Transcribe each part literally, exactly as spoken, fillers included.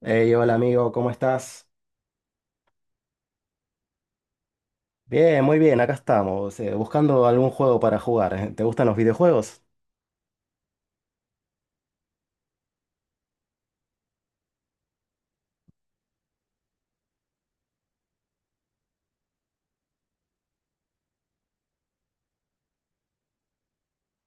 Hey, hola amigo, ¿cómo estás? Bien, muy bien, acá estamos, eh, buscando algún juego para jugar. ¿Te gustan los videojuegos?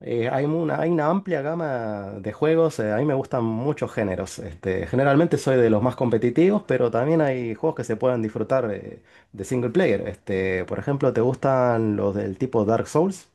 Eh, hay una, hay una amplia gama de juegos, eh, a mí me gustan muchos géneros. Este, generalmente soy de los más competitivos, pero también hay juegos que se pueden disfrutar eh, de single player. Este, por ejemplo, ¿te gustan los del tipo Dark Souls?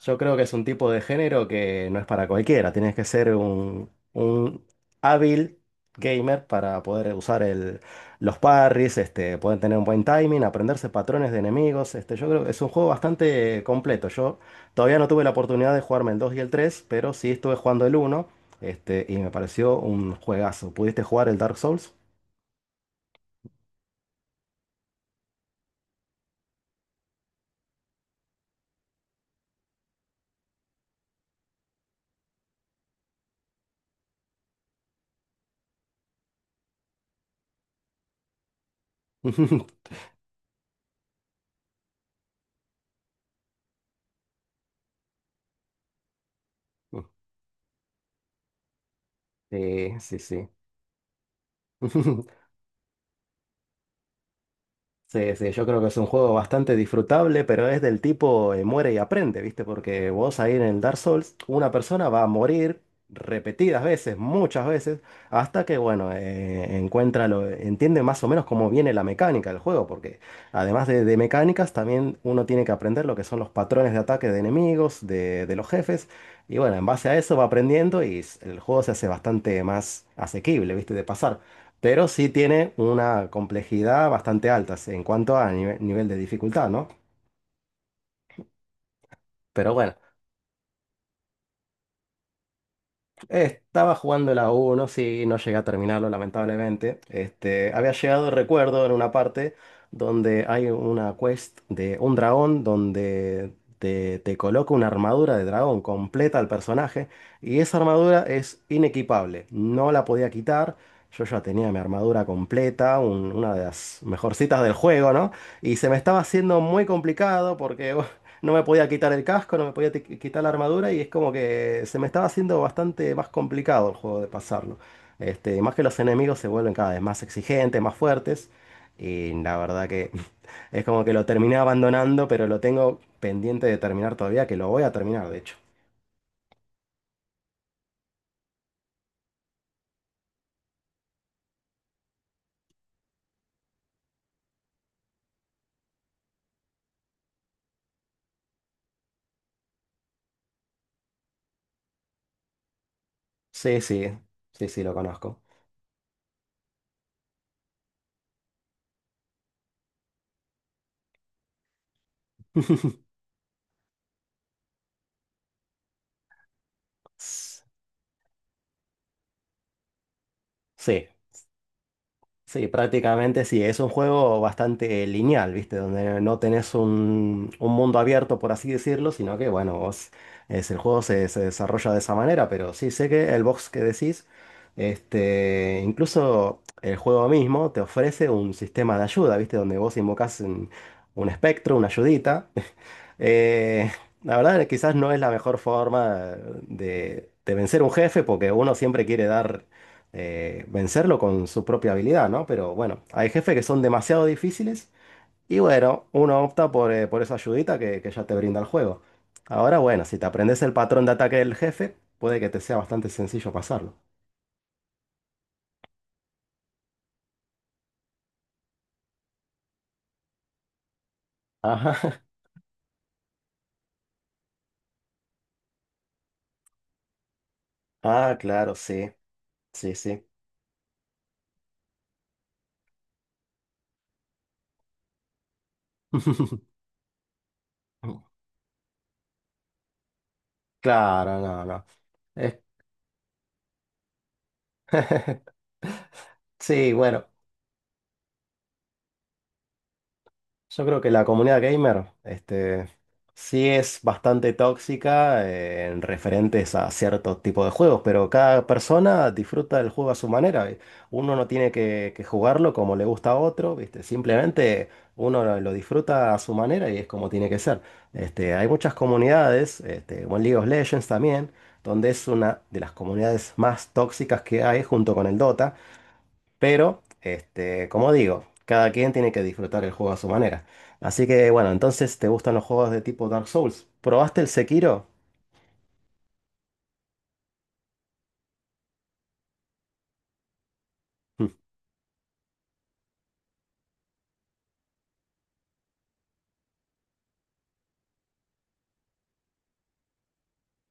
Yo creo que es un tipo de género que no es para cualquiera. Tienes que ser un, un hábil gamer para poder usar el, los parries, este, poder tener un buen timing, aprenderse patrones de enemigos. Este, yo creo que es un juego bastante completo. Yo todavía no tuve la oportunidad de jugarme el dos y el tres, pero sí estuve jugando el uno, este, y me pareció un juegazo. ¿Pudiste jugar el Dark Souls? Sí, sí, sí. Sí, sí, yo creo que es un juego bastante disfrutable, pero es del tipo eh, muere y aprende, ¿viste? Porque vos ahí en el Dark Souls, una persona va a morir repetidas veces, muchas veces, hasta que, bueno, eh, encuentra lo, entiende más o menos cómo viene la mecánica del juego, porque además de, de mecánicas, también uno tiene que aprender lo que son los patrones de ataque de enemigos, de, de los jefes, y bueno, en base a eso va aprendiendo y s- el juego se hace bastante más asequible, ¿viste? De pasar. Pero sí tiene una complejidad bastante alta en cuanto a nive- nivel de dificultad, ¿no? Pero bueno, estaba jugando la una, sí, no llegué a terminarlo, lamentablemente. Este, había llegado, recuerdo, en una parte donde hay una quest de un dragón donde te, te coloca una armadura de dragón completa al personaje y esa armadura es inequipable, no la podía quitar. Yo ya tenía mi armadura completa, un- una de las mejorcitas del juego, ¿no? Y se me estaba haciendo muy complicado porque no me podía quitar el casco, no me podía ti- quitar la armadura y es como que se me estaba haciendo bastante más complicado el juego de pasarlo. Este, y más que los enemigos se vuelven cada vez más exigentes, más fuertes. Y la verdad que es como que lo terminé abandonando, pero lo tengo pendiente de terminar todavía, que lo voy a terminar, de hecho. Sí, sí, sí, sí, lo conozco. Sí, sí, prácticamente sí, es un juego bastante lineal, ¿viste? Donde no tenés un, un mundo abierto, por así decirlo, sino que, bueno, vos, es, el juego se, se desarrolla de esa manera, pero sí sé que el box que decís, este, incluso el juego mismo te ofrece un sistema de ayuda, ¿viste? Donde vos invocás un, un espectro, una ayudita. Eh, la verdad, quizás no es la mejor forma de, de vencer un jefe, porque uno siempre quiere dar, eh, vencerlo con su propia habilidad, ¿no? Pero bueno, hay jefes que son demasiado difíciles y bueno, uno opta por, eh, por esa ayudita que, que ya te brinda el juego. Ahora, bueno, si te aprendes el patrón de ataque del jefe, puede que te sea bastante sencillo pasarlo. Ajá. Ah, claro, sí, sí, sí. Claro, no, no. Es- Sí, bueno. Yo creo que la comunidad gamer, este, sí es bastante tóxica eh, en referentes a ciertos tipos de juegos, pero cada persona disfruta del juego a su manera. ¿Vi? Uno no tiene que, que jugarlo como le gusta a otro, ¿viste? Simplemente uno lo, lo disfruta a su manera y es como tiene que ser. Este, hay muchas comunidades, este, como en League of Legends también, donde es una de las comunidades más tóxicas que hay junto con el Dota. Pero, este, como digo, cada quien tiene que disfrutar el juego a su manera. Así que bueno, entonces, ¿te gustan los juegos de tipo Dark Souls? ¿Probaste el Sekiro?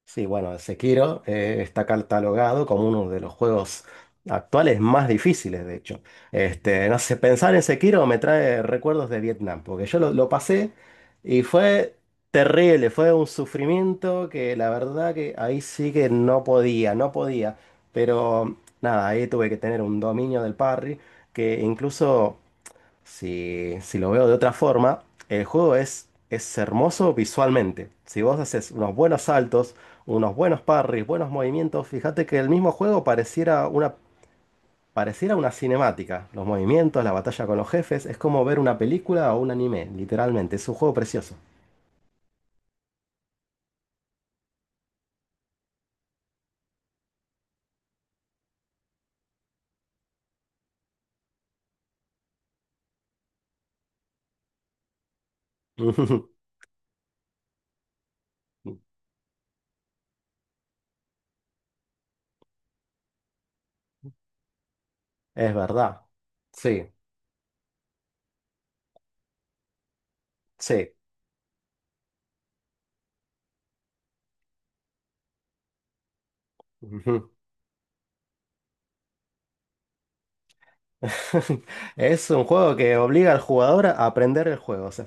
Sí, bueno, Sekiro eh, está catalogado como uno de los juegos actuales más difíciles, de hecho. Este, no sé, pensar en Sekiro me trae recuerdos de Vietnam, porque yo lo, lo pasé y fue terrible, fue un sufrimiento que la verdad que ahí sí que no podía, no podía. Pero nada, ahí tuve que tener un dominio del parry que incluso... Si, si lo veo de otra forma, el juego es, es hermoso visualmente. Si vos haces unos buenos saltos, unos buenos parries, buenos movimientos, fíjate que el mismo juego pareciera una, pareciera una cinemática. Los movimientos, la batalla con los jefes, es como ver una película o un anime, literalmente. Es un juego precioso. Es verdad. Sí, sí. Es un juego que obliga al jugador a aprender el juego. O sea,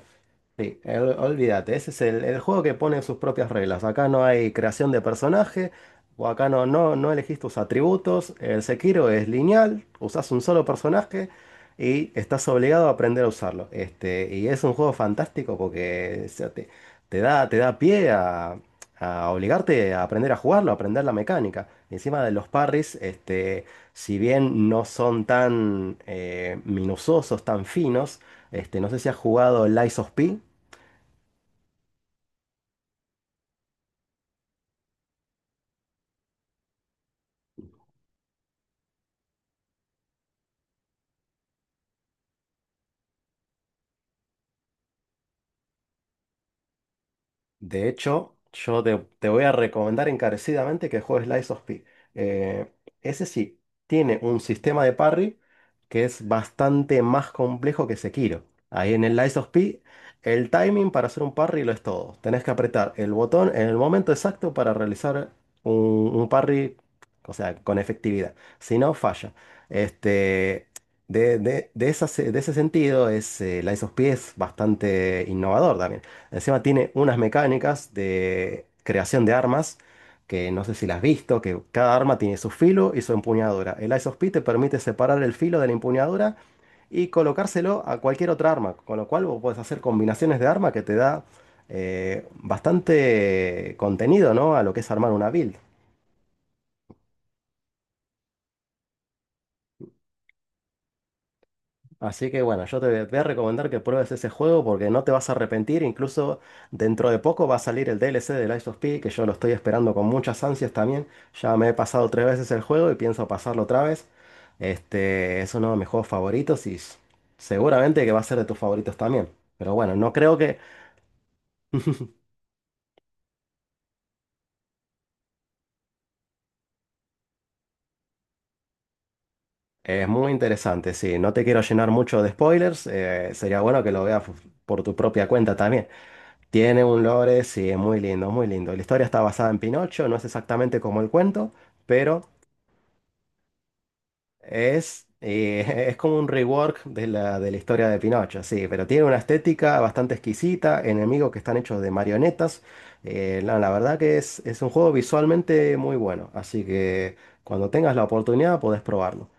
sí, el- olvídate, ese es el, el juego que pone sus propias reglas. Acá no hay creación de personaje, o acá no, no, no elegís tus atributos. El Sekiro es lineal, usás un solo personaje y estás obligado a aprender a usarlo. Este, y es un juego fantástico porque o sea, te, te da, te da pie a, a obligarte a aprender a jugarlo, a aprender la mecánica. Encima de los parries, este si bien no son tan eh, minuciosos, tan finos, este, no sé si has jugado el Lies of P. De hecho, yo te, te voy a recomendar encarecidamente que juegues Lies of P. Eh, Ese sí, tiene un sistema de parry que es bastante más complejo que Sekiro. Ahí en el Lies of P, el timing para hacer un parry lo es todo. Tenés que apretar el botón en el momento exacto para realizar un, un parry, o sea, con efectividad. Si no, falla. Este, de, de- de esa se- de ese sentido, es, eh, Lies of P es bastante innovador también. Encima tiene unas mecánicas de creación de armas que no sé si las has visto, que cada arma tiene su filo y su empuñadura. El Ice of P te permite separar el filo de la empuñadura y colocárselo a cualquier otra arma, con lo cual vos podés hacer combinaciones de arma que te da eh, bastante contenido, ¿no? A lo que es armar una build. Así que bueno, yo te voy a recomendar que pruebes ese juego porque no te vas a arrepentir. Incluso dentro de poco va a salir el D L C de Lies of P, que yo lo estoy esperando con muchas ansias también. Ya me he pasado tres veces el juego y pienso pasarlo otra vez. Este es uno de mis juegos favoritos y s- seguramente que va a ser de tus favoritos también. Pero bueno, no creo que es muy interesante. Sí, no te quiero llenar mucho de spoilers. eh, sería bueno que lo veas por tu propia cuenta también. Tiene un lore, sí, es muy lindo, muy lindo. La historia está basada en Pinocho, no es exactamente como el cuento, pero es, eh, es como un rework de la, de la historia de Pinocho, sí, pero tiene una estética bastante exquisita, enemigos que están hechos de marionetas. Eh, la, la verdad que es, es un juego visualmente muy bueno, así que cuando tengas la oportunidad podés probarlo.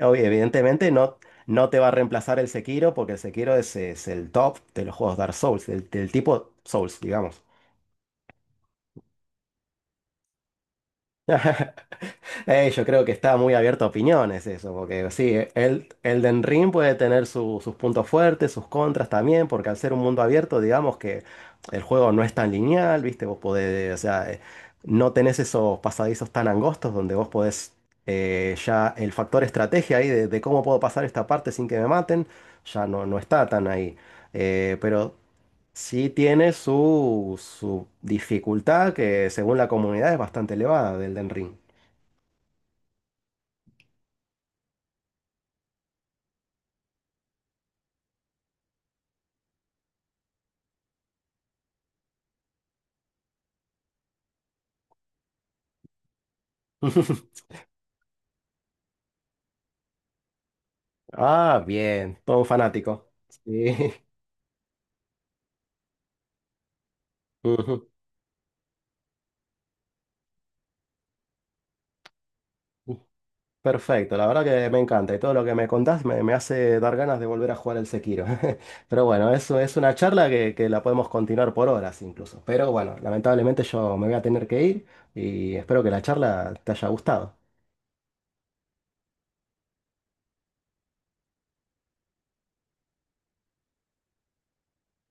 Oye, evidentemente no, no te va a reemplazar el Sekiro, porque el Sekiro es, es el top de los juegos Dark Souls, del del tipo Souls, digamos. Eh, yo creo que está muy abierto a opiniones eso, porque sí, el, Elden Ring puede tener su- sus puntos fuertes, sus contras también, porque al ser un mundo abierto, digamos que el juego no es tan lineal, ¿viste? Vos podés, o sea, eh, no tenés esos pasadizos tan angostos donde vos podés eh, ya el factor estrategia ahí de, de cómo puedo pasar esta parte sin que me maten, ya no, no está tan ahí. Eh, pero sí tiene su, su dificultad que según la comunidad es bastante elevada del Elden Ring. Ah, bien, todo un fanático. Sí. Ujú. Perfecto, la verdad que me encanta y todo lo que me contás me, me hace dar ganas de volver a jugar el Sekiro. Pero bueno, eso es una charla que, que la podemos continuar por horas incluso. Pero bueno, lamentablemente yo me voy a tener que ir y espero que la charla te haya gustado.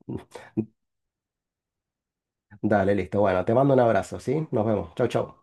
Dale, listo. Bueno, te mando un abrazo, ¿sí? Nos vemos. Chau, chau.